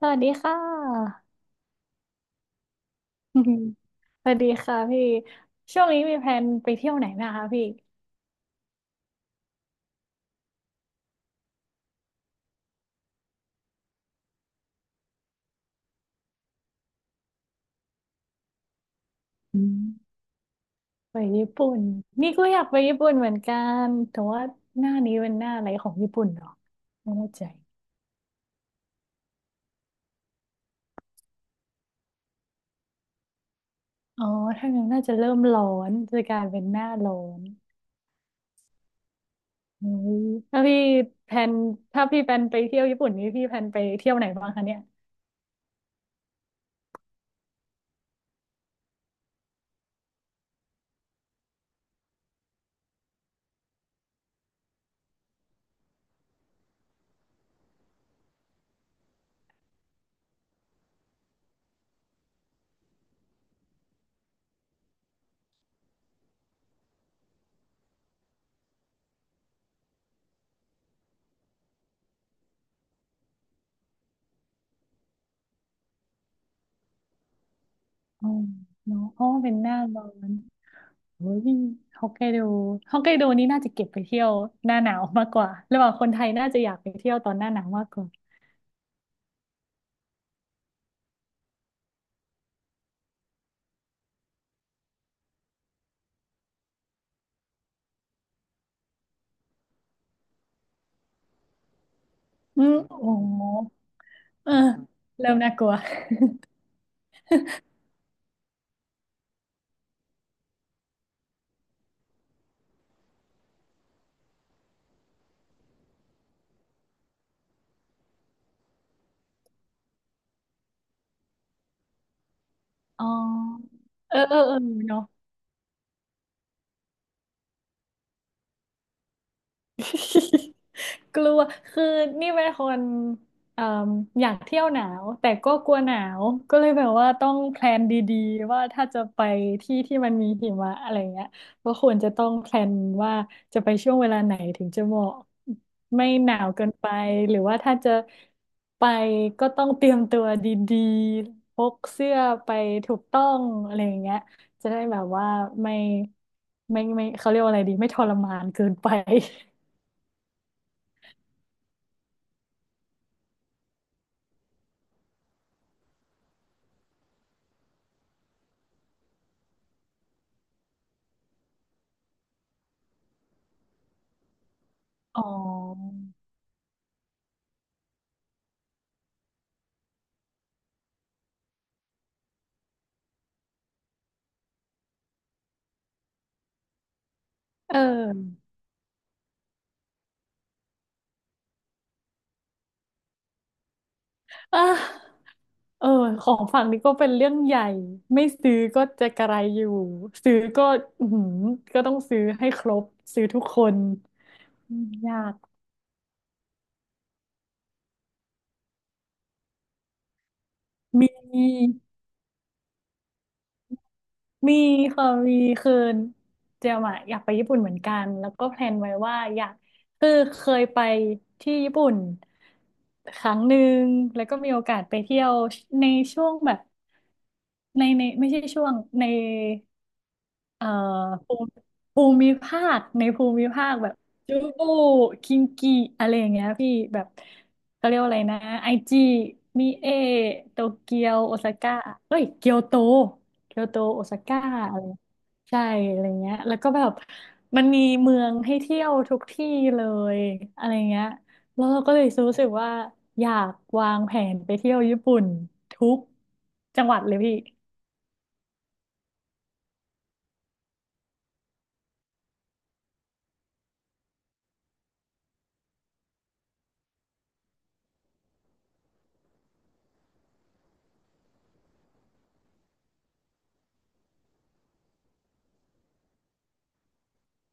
สวัสดีค่ะ สวัสดีค่ะพี่ช่วงนี้มีแพลนไปเที่ยวไหนนะคะพี่อืมไปญี่ปุ่นนี่ก็อยากไปญี่ปุ่นเหมือนกันแต่ว่าหน้านี้เป็นหน้าอะไรของญี่ปุ่นเหรอไม่แน่ใจอ๋อถ้างั้นน่าจะเริ่มร้อนจะกลายเป็นหน้าร้อนอืมถ้าพี่แพลนถ้าพี่แพลนไปเที่ยวญี่ปุ่นนี่พี่แพลนไปเที่ยวไหนบ้างคะเนี่ยอ๋อเนาะอ๋อเป็นหน้าร้อน โอ้ยฮอกไกโดฮอกไกโดนี่น่าจะเก็บไปเที่ยวหน้าหนาวมากกว่าระหว่างคนไทยน่าจะอยากไปเที่ยวตอนหน้าหนาวมากกว่าอืมโอ้โหเออเริ่มน่ากลัวอ๋อเออเออเออเนาะ กลัวคือนี่เป็นคนเอ่มอยากเที่ยวหนาวแต่ก็กลัวหนาว ก็เลยแบบว่าต้องแพลนดีๆว่าถ้าจะไปที่ที่มันมีหิมะอะไรเงี้ยก็ควรจะต้องแพลนว่าจะไปช่วงเวลาไหนถึงจะเหมาะไม่หนาวเกินไปหรือว่าถ้าจะไปก็ต้องเตรียมตัวดีๆพกเสื้อไปถูกต้องอะไรอย่างเงี้ยจะได้แบบว่าไม่ไม่ไม่เขาเรียกว่าอะไรดีไม่ทรมานเกินไป อ๋อเอออ่ะเออ ของฝั่งนี้ก็เป็นเรื่องใหญ่ ไม่ซื้อก็จะกระไรอยู่ซื้อก็อือหือก็ต้องซื้อให้ครบ ซื้อทุกคนอืมยากมี มีค่ะมีคือเจมอะอยากไปญี่ปุ่นเหมือนกันแล้วก็แพลนไว้ว่าอยากคือเคยไปที่ญี่ปุ่นครั้งหนึ่ง แล้วก็มีโอกาสไปเที่ยวในช่วงแบบในไม่ใช่ช่วงใน เอ่อภูมิภูมิภาคในภูมิภาคแบบจูบูคิงกีอะไรอย่างเงี้ยพี่แบบเขาเรียกว่าอะไรนะไอจีมิเอโตเกียวโอซาก้าเอ้ยเกียวโตเกียวโตโอซาก้าอะไรใช่อะไรเงี้ยแล้วก็แบบมันมีเมืองให้เที่ยวทุกที่เลยอะไรเงี้ยแล้วเราก็เลยรู้สึกว่าอยากวางแผนไปเที่ยวญี่ปุ่นทุกจังหวัดเลยพี่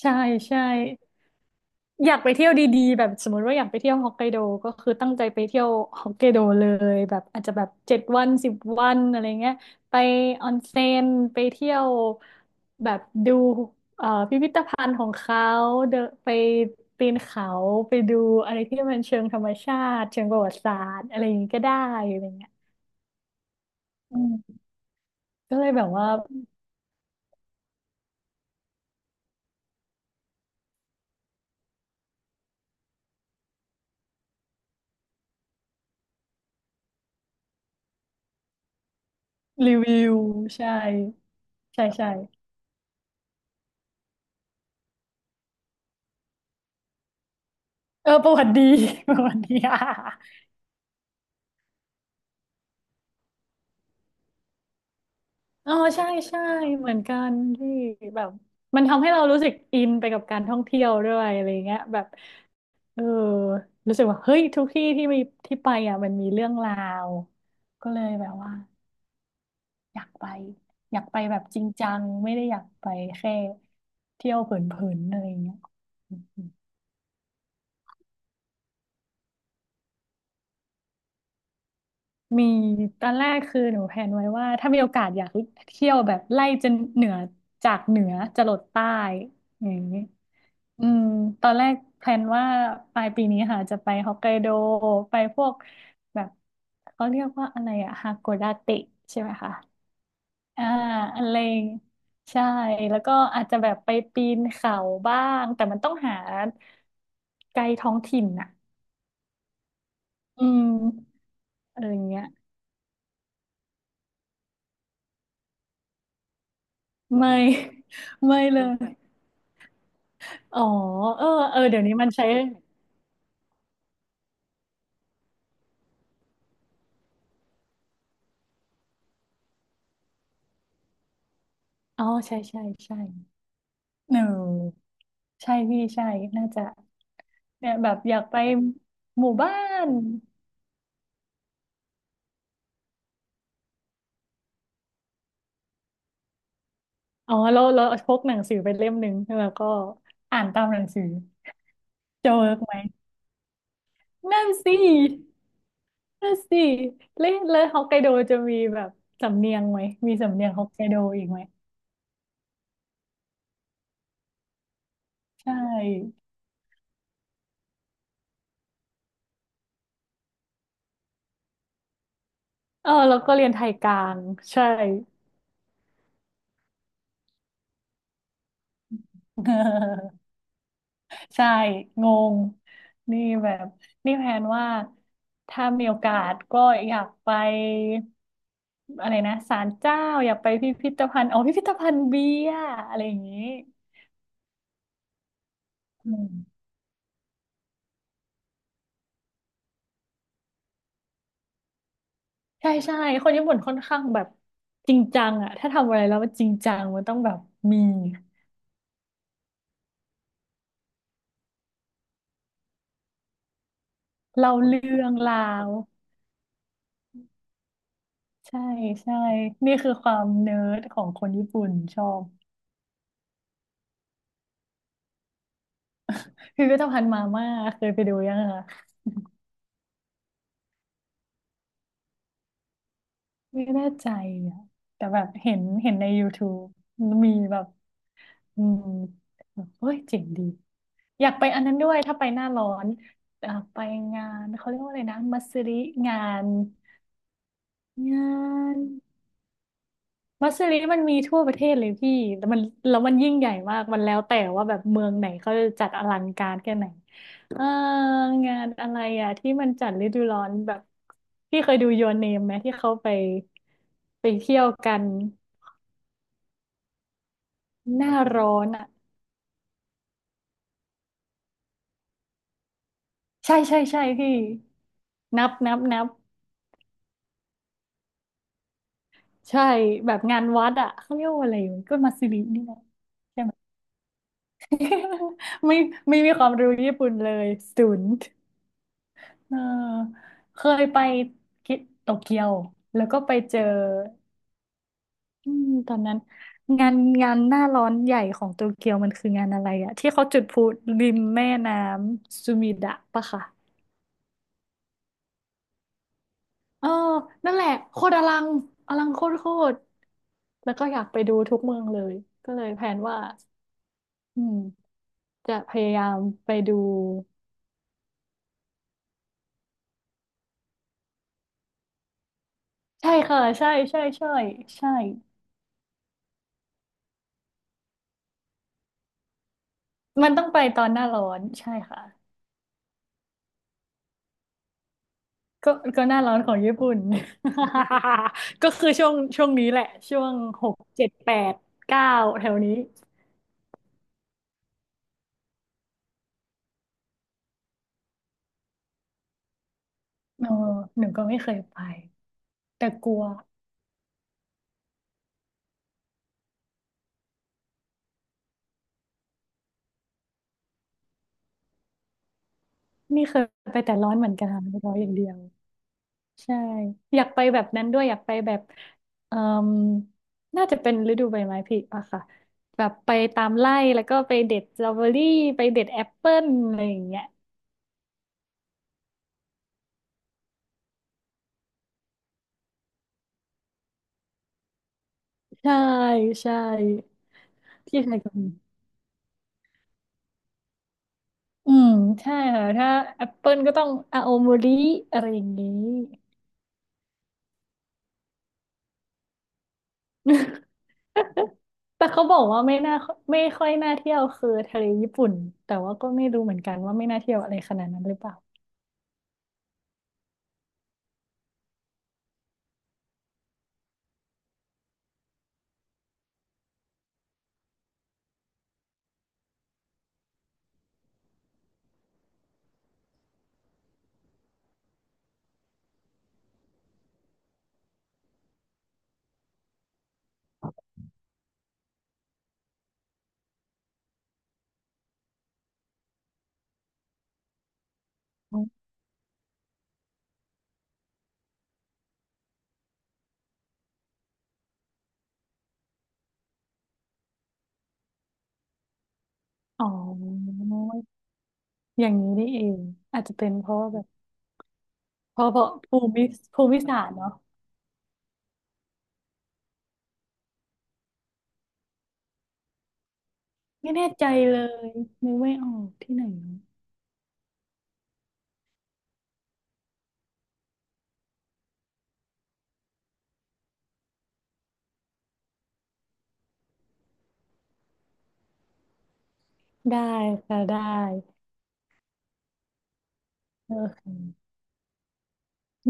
ใช่ใช่ อยากไปเที่ยวดีๆแบบสมมติว่าอยากไปเที่ยวฮอกไกโดก็คือตั้งใจไปเที่ยวฮอกไกโดเลยแบบอาจจะแบบเจ็ดวันสิบวันอะไรเงี้ยไปออนเซ็นไปเที่ยวแบบดูพิพิธภัณฑ์ของเขาเดนไปปีนเขาไปดูอะไรที่มันเชิงธรรมชาติเชิงประวัติศาสตร์อะไรอย่างงี้ก็ได้อะไรเงี้ยอืมก็เลยแบบว่ารีวิวใช่ใช่ใช่เออประวัติดี ประวัติดี อ่ะ อ๋อใช่ใช่เหมือนกันที่แบบมันทำให้เรารู้สึกอินไปกับการท่องเที่ยวด้วยอะไรเงี้ยแบบเออรู้สึกว่าเฮ้ยทุกที่ที่มีที่ไปอ่ะมันมีเรื่องราวก็เลยแบบว่าอยากไปอยากไปแบบจริงจังไม่ได้อยากไปแค่เที่ยวเผินๆอะไรเงี้ย มีตอนแรกคือหนูแพลนไว้ว่าถ้ามีโอกาสอยากเที่ยวแบบไล่จนเหนือจากเหนือจรดใต้อย่างนี้อืมตอนแรกแพลนว่าปลายปีนี้ค่ะจะไปฮอกไกโดไปพวกแบบเขาเรียกว่าอะไรอะฮาโกดาเตะใช่ไหมคะอ่าอะไรใช่แล้วก็อาจจะแบบไปปีนเขาบ้างแต่มันต้องหาไกด์ท้องถิ่นอะอืมอะไรอย่างเงี้ยไม่ ไม่เลย อ๋อเออเออเดี๋ยวนี้มันใช้อ๋อใช่ใช่ใช่เออใช่พี่ใช่น่าจะเนี่ยแบบอยากไปหมู่บ้านอ๋อเราเราพกหนังสือไปเล่มหนึ่งแล้วก็อ่านตามหนังสือจะเวิร์กไหมนั่นสินั่นสิแล้วแลวฮอกไกโดจะมีแบบสำเนียงไหมมีสำเนียงฮอกไกโดอีกไหมใช่เออแล้วก็เรียนไทยกลางใช่ ใช่งงนี่แบบนี่แพลนว่าถ้ามีโอกาสก็อยากไปอะไรนะศาลเจ้าอยากไปพิพิธภัณฑ์อ๋อพิพิธภัณฑ์เบียร์อะไรอย่างนี้อืมใช่ใช่คนญี่ปุ่นค่อนข้างแบบจริงจังอะถ้าทำอะไรแล้วมันจริงจังมันต้องแบบมีเล่าเรื่องราวใช่ใช่นี่คือความเนิร์ดของคนญี่ปุ่นชอบพิพิธภัณฑ์มาม่าเคยไปดูยังคะ ไม่แน่ใจอ่ะแต่แบบเห็นใน YouTube มีแบบอืมแบบเฮ้ยเจ๋งดีอยากไปอันนั้นด้วยถ้าไปหน้าร้อนไปงานเขาเรียกว่าอะไรนะมัสริงานงานมัสริมันมีทั่วประเทศเลยพี่แล้วมันแล้วมันยิ่งใหญ่มากมันแล้วแต่ว่าแบบเมืองไหนเขาจะจัดอลังการแค่ไหนเอองานอะไรอ่ะที่มันจัดฤดูร้อนแบบพี่เคยดู Your Name ไหมที่เขาไปเที่ยวกัน หน้าร้อนอ่ะใช่ใช่ใช่พี่นับนับนับใช่แบบงานวัดอ่ะเขาเรียกว่าอะไรยู่ก็มาซิรินี่นะใช่ไหม ไม่ไม่มีความรู้ญี่ปุ่นเลยศูนย์เออเคยไปกิโตเกียวแล้วก็ไปเจออืมตอนนั้นงานงานหน้าร้อนใหญ่ของโตเกียวมันคืองานอะไรอะที่เขาจุดพลุริมแม่น้ำซูมิดะปะคะเออนั่นแหละโคตรอลังอลังโคตรโคตร แล้วก็อยากไปดูทุกเมืองเลยก็เลยแผนว่าอืมจะพยายามไปดูใช่ค่ะใช่ใช่ใช่ใช่มันต้องไปตอนหน้าร้อนใช่ค่ะก็ก็หน้าร้อนของญี่ปุ่น ก็คือช่วงนี้แหละช่วงหกเจ็ดแปดเก้าแถวนี้เออหนูก็ไม่เคยไปแต่กลัวนี่เคยไปแต่ร้อนเหมือนกันร้อนอย่างเดียว ใช่อยากไปแบบนั้นด้วยอยากไปแบบเอ่มน่าจะเป็นฤดูใบไม้ผลิอะค่ะแบบไปตามไร่แล้วก็ไปเด็ดสตรอเบอรี่ไปเด็ดแอปเปิ้ลอะไรอย่างเงี้ยใช่ใช่ที่ไทยก็มีอืมใช่ค่ะถ้าแอปเปิ้ลก็ต้องอาโอมริอะไรอย่างนี้ แต่เขาบอกว่าไม่น่าไม่ค่อยน่าเที่ยวคือทะเลญี่ปุ่นแต่ว่าก็ไม่รู้เหมือนกันว่าไม่น่าเที่ยวอะไรขนาดนั้นหรือเปล่าอ๋อ อย่างนี้นี่เองอาจจะเป็นเพราะว่าแบบเพราะภูมิศาสตร์เนาะไม่แน่ใจเลยนึกไม่ออกที่ไหนเนอะได้ค่ะได้โอเค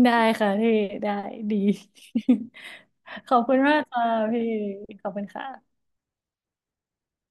ได้ค่ะพี่ได้ดี ขอบคุณมากค่ะพี่ขอบคุณค่ะ